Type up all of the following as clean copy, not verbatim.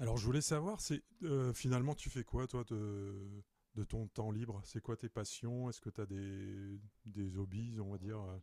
Alors, je voulais savoir, c'est finalement, tu fais quoi, toi, de ton temps libre. C'est quoi tes passions? Est-ce que tu as des hobbies, on va dire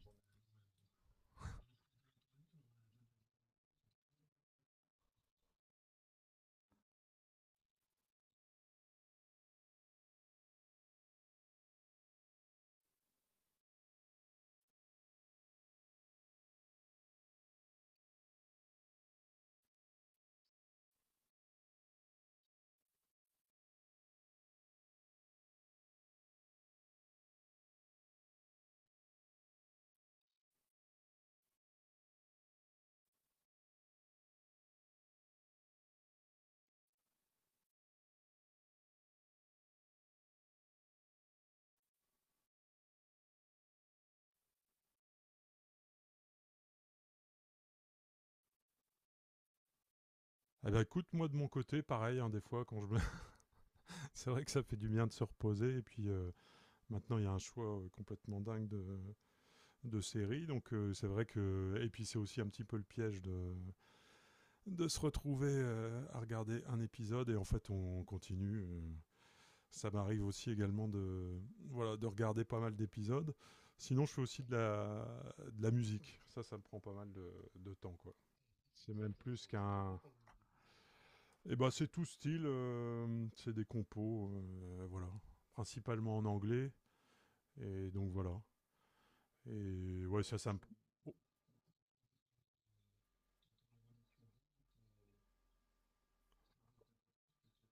Eh ben, écoute, moi, de mon côté, pareil, hein, des fois, quand je me... c'est vrai que ça fait du bien de se reposer. Et puis, maintenant, il y a un choix complètement dingue de séries. Donc, c'est vrai que. Et puis, c'est aussi un petit peu le piège de se retrouver à regarder un épisode. Et en fait, on continue. Ça m'arrive aussi également de, voilà, de regarder pas mal d'épisodes. Sinon, je fais aussi de la musique. Ça me prend pas mal de temps, quoi. C'est même plus qu'un... Eh ben, c'est tout style. C'est des compos, voilà. Principalement en anglais. Et donc, voilà. Et ouais, ça me...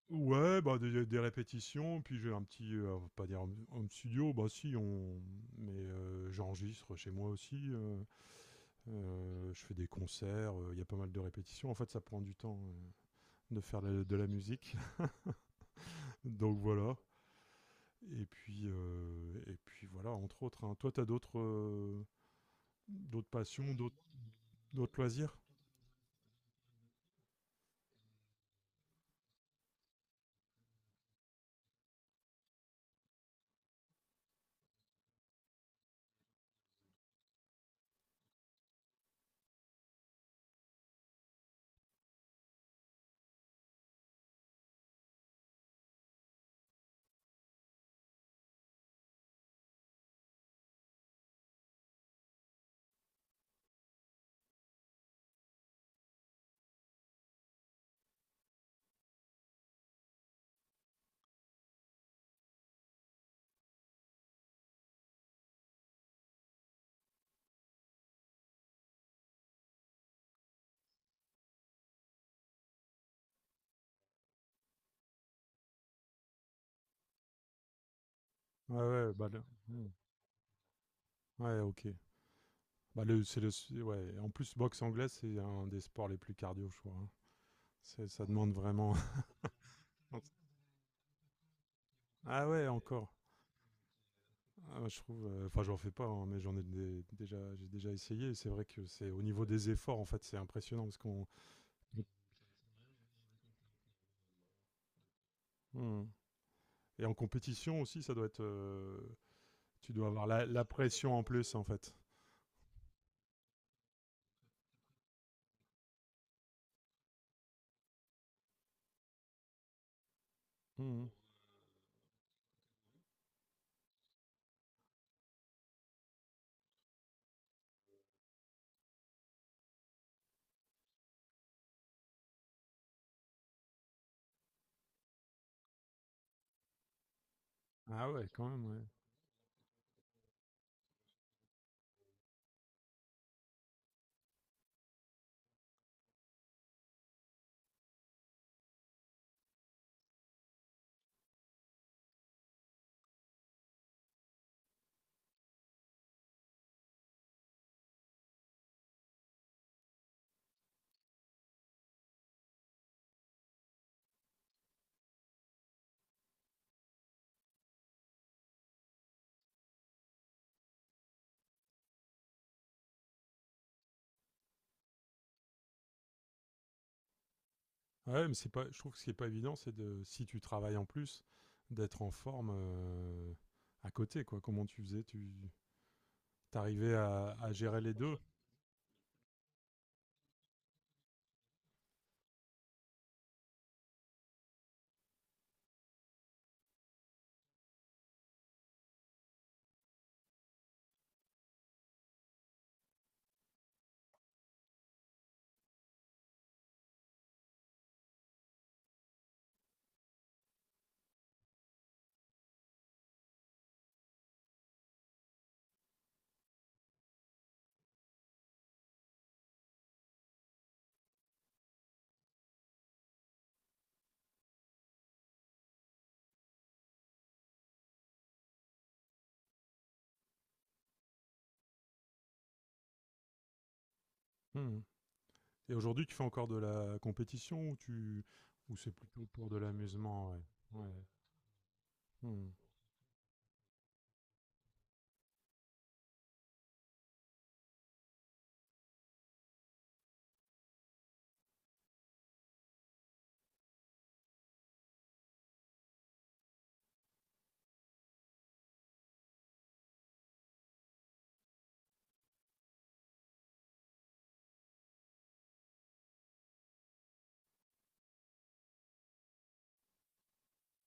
Ouais, bah des répétitions, puis j'ai un petit, on va pas dire un studio, bah si, on, mais j'enregistre chez moi aussi, je fais des concerts, il y a pas mal de répétitions. En fait, ça prend du temps de faire de la musique. Donc voilà. Et puis voilà, entre autres. Hein. Toi, t'as as d'autres d'autres passions, d'autres d'autres loisirs? Ouais, ouais, bah, le- hmm. Ouais, ok. Bah, le, c'est- ouais. En plus, boxe anglaise, c'est un des sports les plus cardio, je crois, hein. C'est- Ça demande vraiment. Ah ouais, encore. Ah, bah, je trouve. Enfin, j'en fais pas, hein, mais déjà, j'ai déjà essayé. Et c'est vrai que c'est au niveau des efforts, en fait, c'est impressionnant parce qu'on. Hmm. Et en compétition aussi, ça doit être. Tu dois avoir la, la pression en plus, en fait. Hmm. Ah ouais, quand même, ouais. Ouais, mais c'est pas, je trouve que ce qui n'est pas évident, c'est de, si tu travailles en plus, d'être en forme à côté, quoi. Comment tu faisais? Tu t'arrivais à gérer les deux. Hmm. Et aujourd'hui, tu fais encore de la compétition ou tu, ou c'est plutôt pour de l'amusement, ouais. Ouais. Hmm.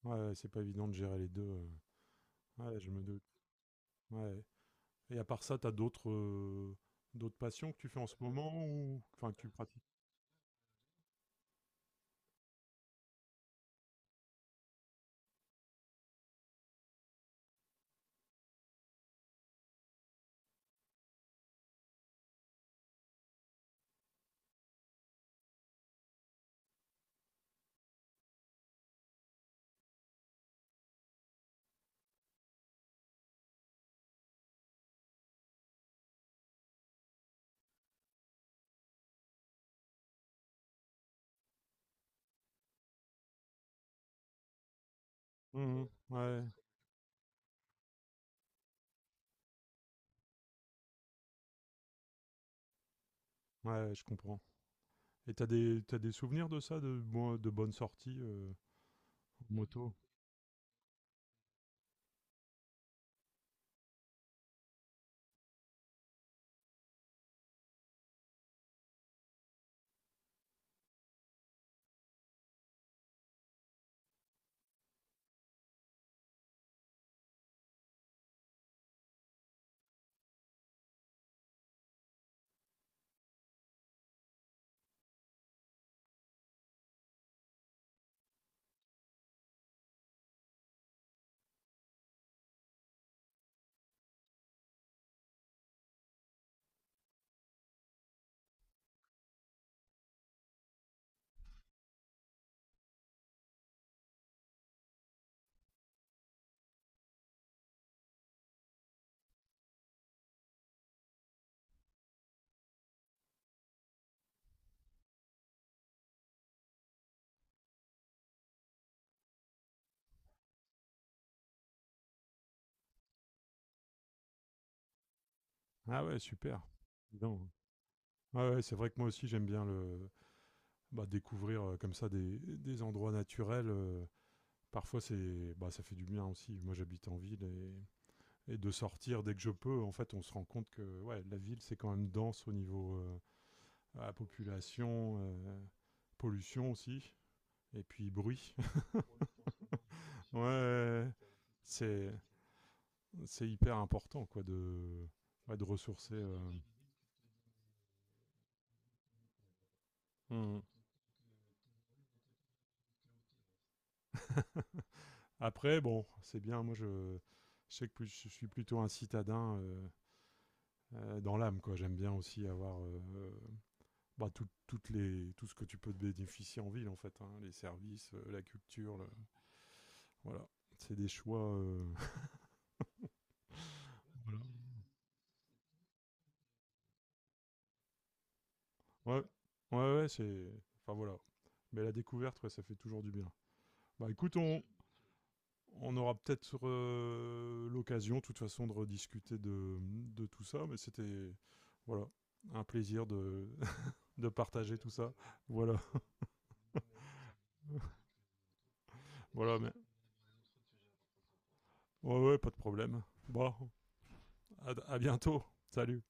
Ouais, c'est pas évident de gérer les deux. Ouais, je me doute. Ouais. Et à part ça, tu as d'autres d'autres passions que tu fais en ce moment ou enfin que tu pratiques? Mhm. Ouais, ouais, je comprends. Et t'as des souvenirs de ça, de bon- de bonnes sorties en moto? Ah ouais, super. Dis donc. Ouais, ouais, c'est vrai que moi aussi j'aime bien le bah, découvrir comme ça des endroits naturels. Parfois c'est bah, ça fait du bien aussi. Moi j'habite en ville et de sortir dès que je peux, en fait on se rend compte que ouais, la ville c'est quand même dense au niveau Ah, population, pollution aussi, et puis bruit. Ouais, ouais. c'est, c'est hyper important quoi de, ouais, de ressourcer. Hmm. Après, bon, c'est bien. Moi, je, je suis plutôt un citadin dans l'âme, quoi. J'aime bien aussi avoir bah, tout, toutes les, tout ce que tu peux te bénéficier en ville, en fait, hein. Les services, la culture. Le- Voilà. C'est des choix. Voilà. Ouais, ouais, ouais, c'est. Enfin voilà. Mais la découverte, ouais, ça fait toujours du bien. Bah écoute, on aura peut-être l'occasion, de toute façon, de rediscuter de tout ça. Mais c'était. Voilà. Un plaisir de, de partager tout ça. Voilà. Voilà, mais. Ouais, ouais, pas de problème. Bon, à bientôt. Salut.